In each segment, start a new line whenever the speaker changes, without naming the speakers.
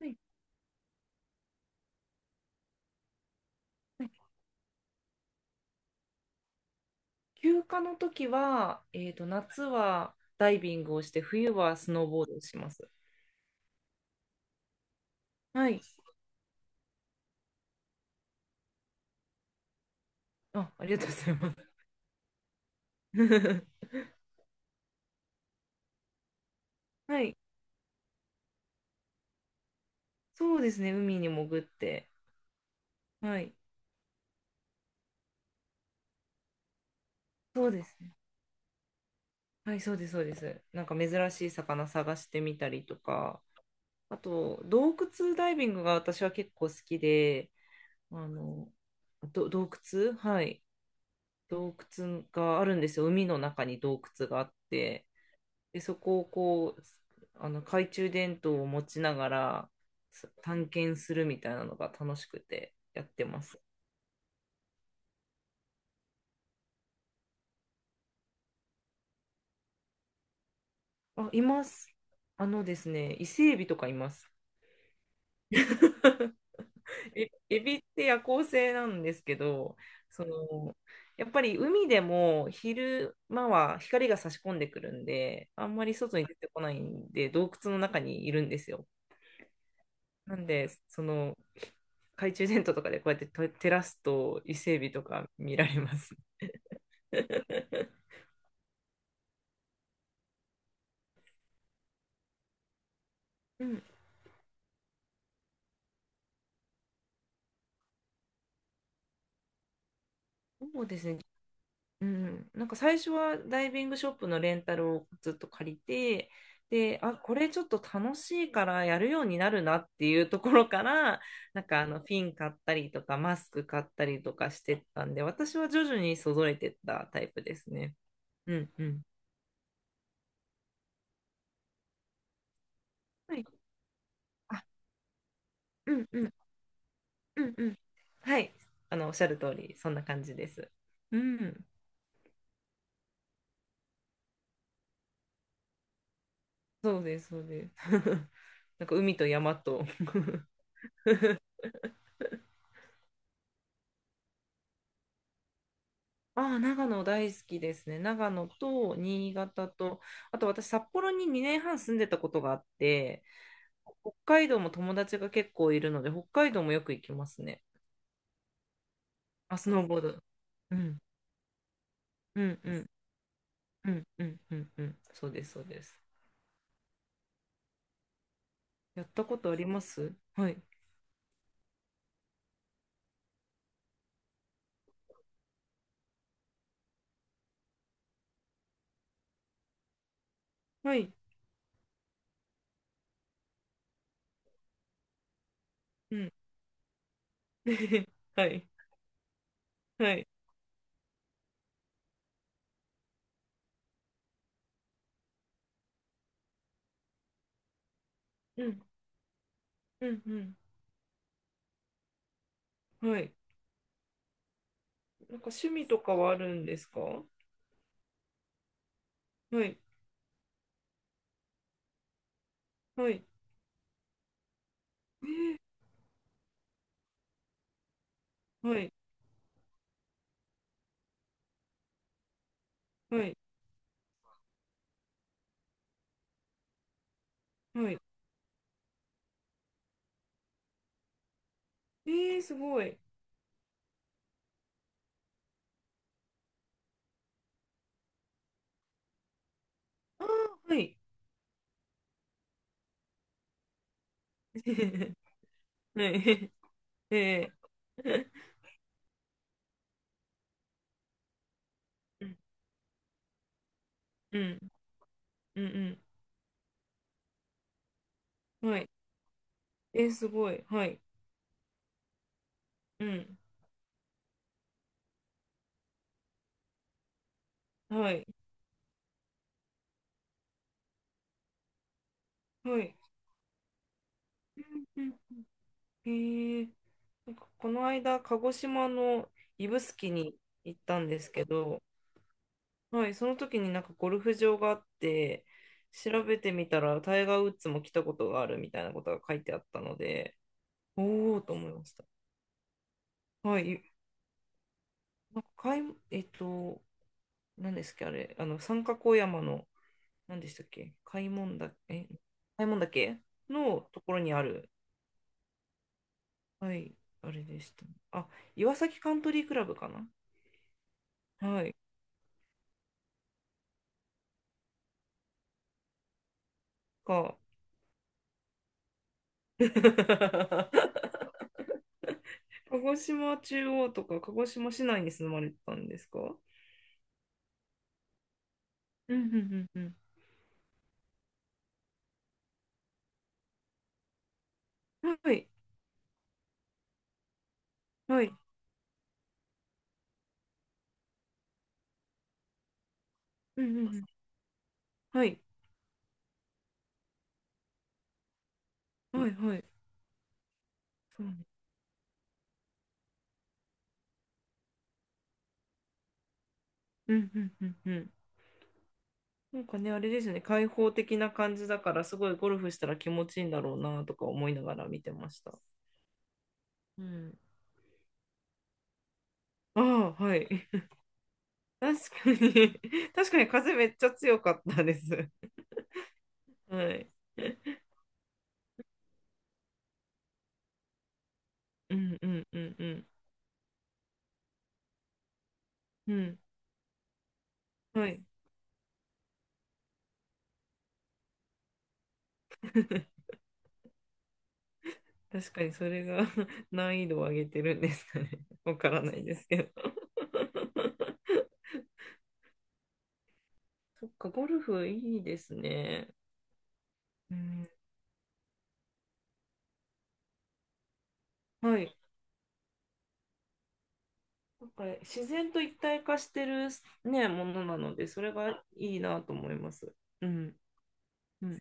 はいはい。休暇の時は、夏はダイビングをして、冬はスノーボードをします。はい。あ、ありがとうございます。はい。そうですね。海に潜って。はい。そうですね。はい、そうです、そうです。なんか珍しい魚探してみたりとか、あと、洞窟ダイビングが私は結構好きで、あの、洞窟。はい。洞窟があるんですよ。海の中に洞窟があって。で、そこをこう、懐中電灯を持ちながら探検するみたいなのが楽しくてやってます。あ、います。あのですね、伊勢エビとかいます。エビって夜行性なんですけど、その、やっぱり海でも昼間は光が差し込んでくるんで、あんまり外に出てこないんで、洞窟の中にいるんですよ。なんで、懐中電灯とかでこうやってと照らすと伊勢海老とか見られます。うん、そうですね。うん、なんか最初はダイビングショップのレンタルをずっと借りて、で、あ、これちょっと楽しいからやるようになるなっていうところから、なんかフィン買ったりとかマスク買ったりとかしてったんで、私は徐々にそぞれてったタイプですね。うんうん。はい。あ、うんうん。うんうん。はい。おっしゃる通り、そんな感じです。うん。そうです、そうです。なんか海と山と。ああ、長野大好きですね。長野と新潟と、あと私、札幌に2年半住んでたことがあって、北海道も友達が結構いるので、北海道もよく行きますね。あ、スノーボード。うん、うん、うん、うん、うん、うん、うん、そうです、そうです。やったことあります。はい。はい。うん。はい。はい。うん、うん、うん。はい。なんか趣味とかはあるんですか？はい、はい、はい、はい、はい。えー、すごい。あー、はい。はい。えー、うん、うん、うん、うん。はい。えー、すごい。はい。うん、はい、はい。うん、うん。えー、なんかこの間、鹿児島の指宿に行ったんですけど、はい、その時になんかゴルフ場があって、調べてみたらタイガー・ウッズも来たことがあるみたいなことが書いてあったので、おーと思いました。はい、なんか買い、えっと、何ですっけ、あれ、三角小山の、何でしたっけ、開聞岳のところにある、はい、あれでした。あ、岩崎カントリークラブかな。はい、か。鹿児島中央とか鹿児島市内に住まれてたんですか？うんうんうんうん。はい。はい。うんうんうん。はい。はい。はい。そうね。うんうんうんうん。なんかね、あれですね、開放的な感じだから、すごいゴルフしたら気持ちいいんだろうなとか思いながら見てました。うん。ああ、はい。確かに 確かに風めっちゃ強かったです。はい。うんうんうんうん。うん。はい。確かにそれが 難易度を上げてるんですかね。わからないですけど。そっか、ゴルフいいですね。うん、はい。なんか自然と一体化してるね、ものなので、それがいいなと思います。うん。うん。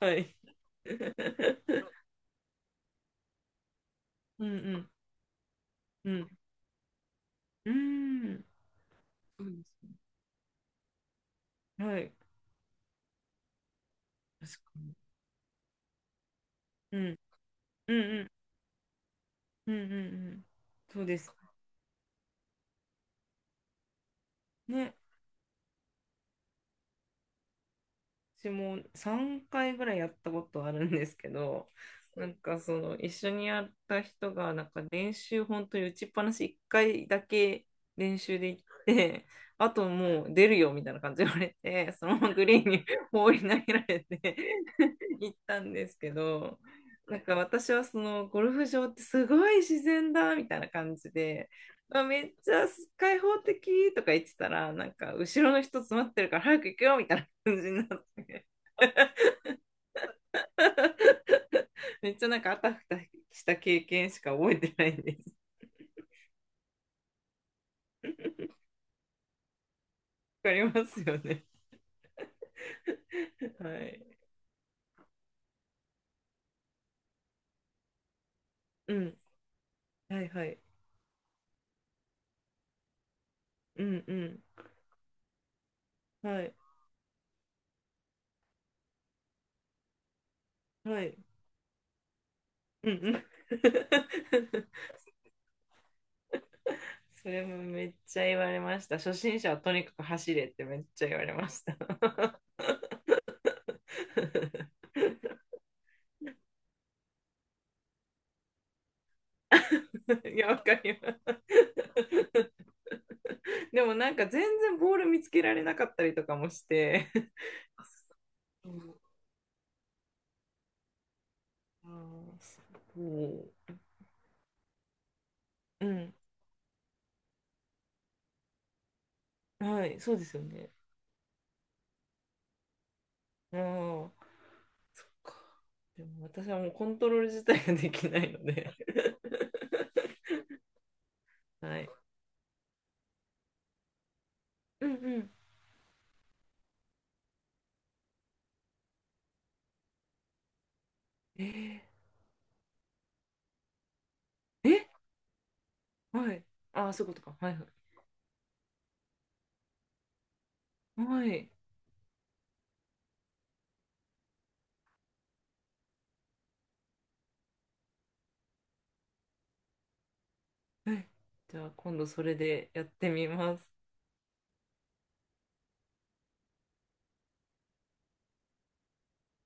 はい。うんうん。うん。そうですね。ーん。はい。確かに。うん。うんうん。うんうんうん。そうです。ね、はい、確かに、うんうんうんうんうんうん、そうですね。私も3回ぐらいやったことあるんですけど、なんかその一緒にやった人がなんか練習本当に打ちっぱなし1回だけ練習で行って、あともう出るよみたいな感じで言われて、そのままグリーンに放り投げられて 行ったんですけど、なんか私はそのゴルフ場ってすごい自然だみたいな感じで、あ、めっちゃ開放的とか言ってたら、なんか後ろの人詰まってるから早く行くよみたい感じになのね。めっちゃなんかあたふたした経験しか覚えてないんです。わかりますよね。はい。うん。はいはい。うんうん。はい。はい。うんうん。それもめっちゃ言われました。初心者はとにかく走れってめっちゃ言われました。いや、わかります。でもなんか全然ボール見つけられなかったりとかもして。うん、あー、そう、うん。はい、そうですよね。ああ、そっか。でも私はもうコントロール自体ができないので はい。うんうん。えー、え、はい。ああ、そういうことか。はいはい。はい。はい。じゃあ今度それでやってみます。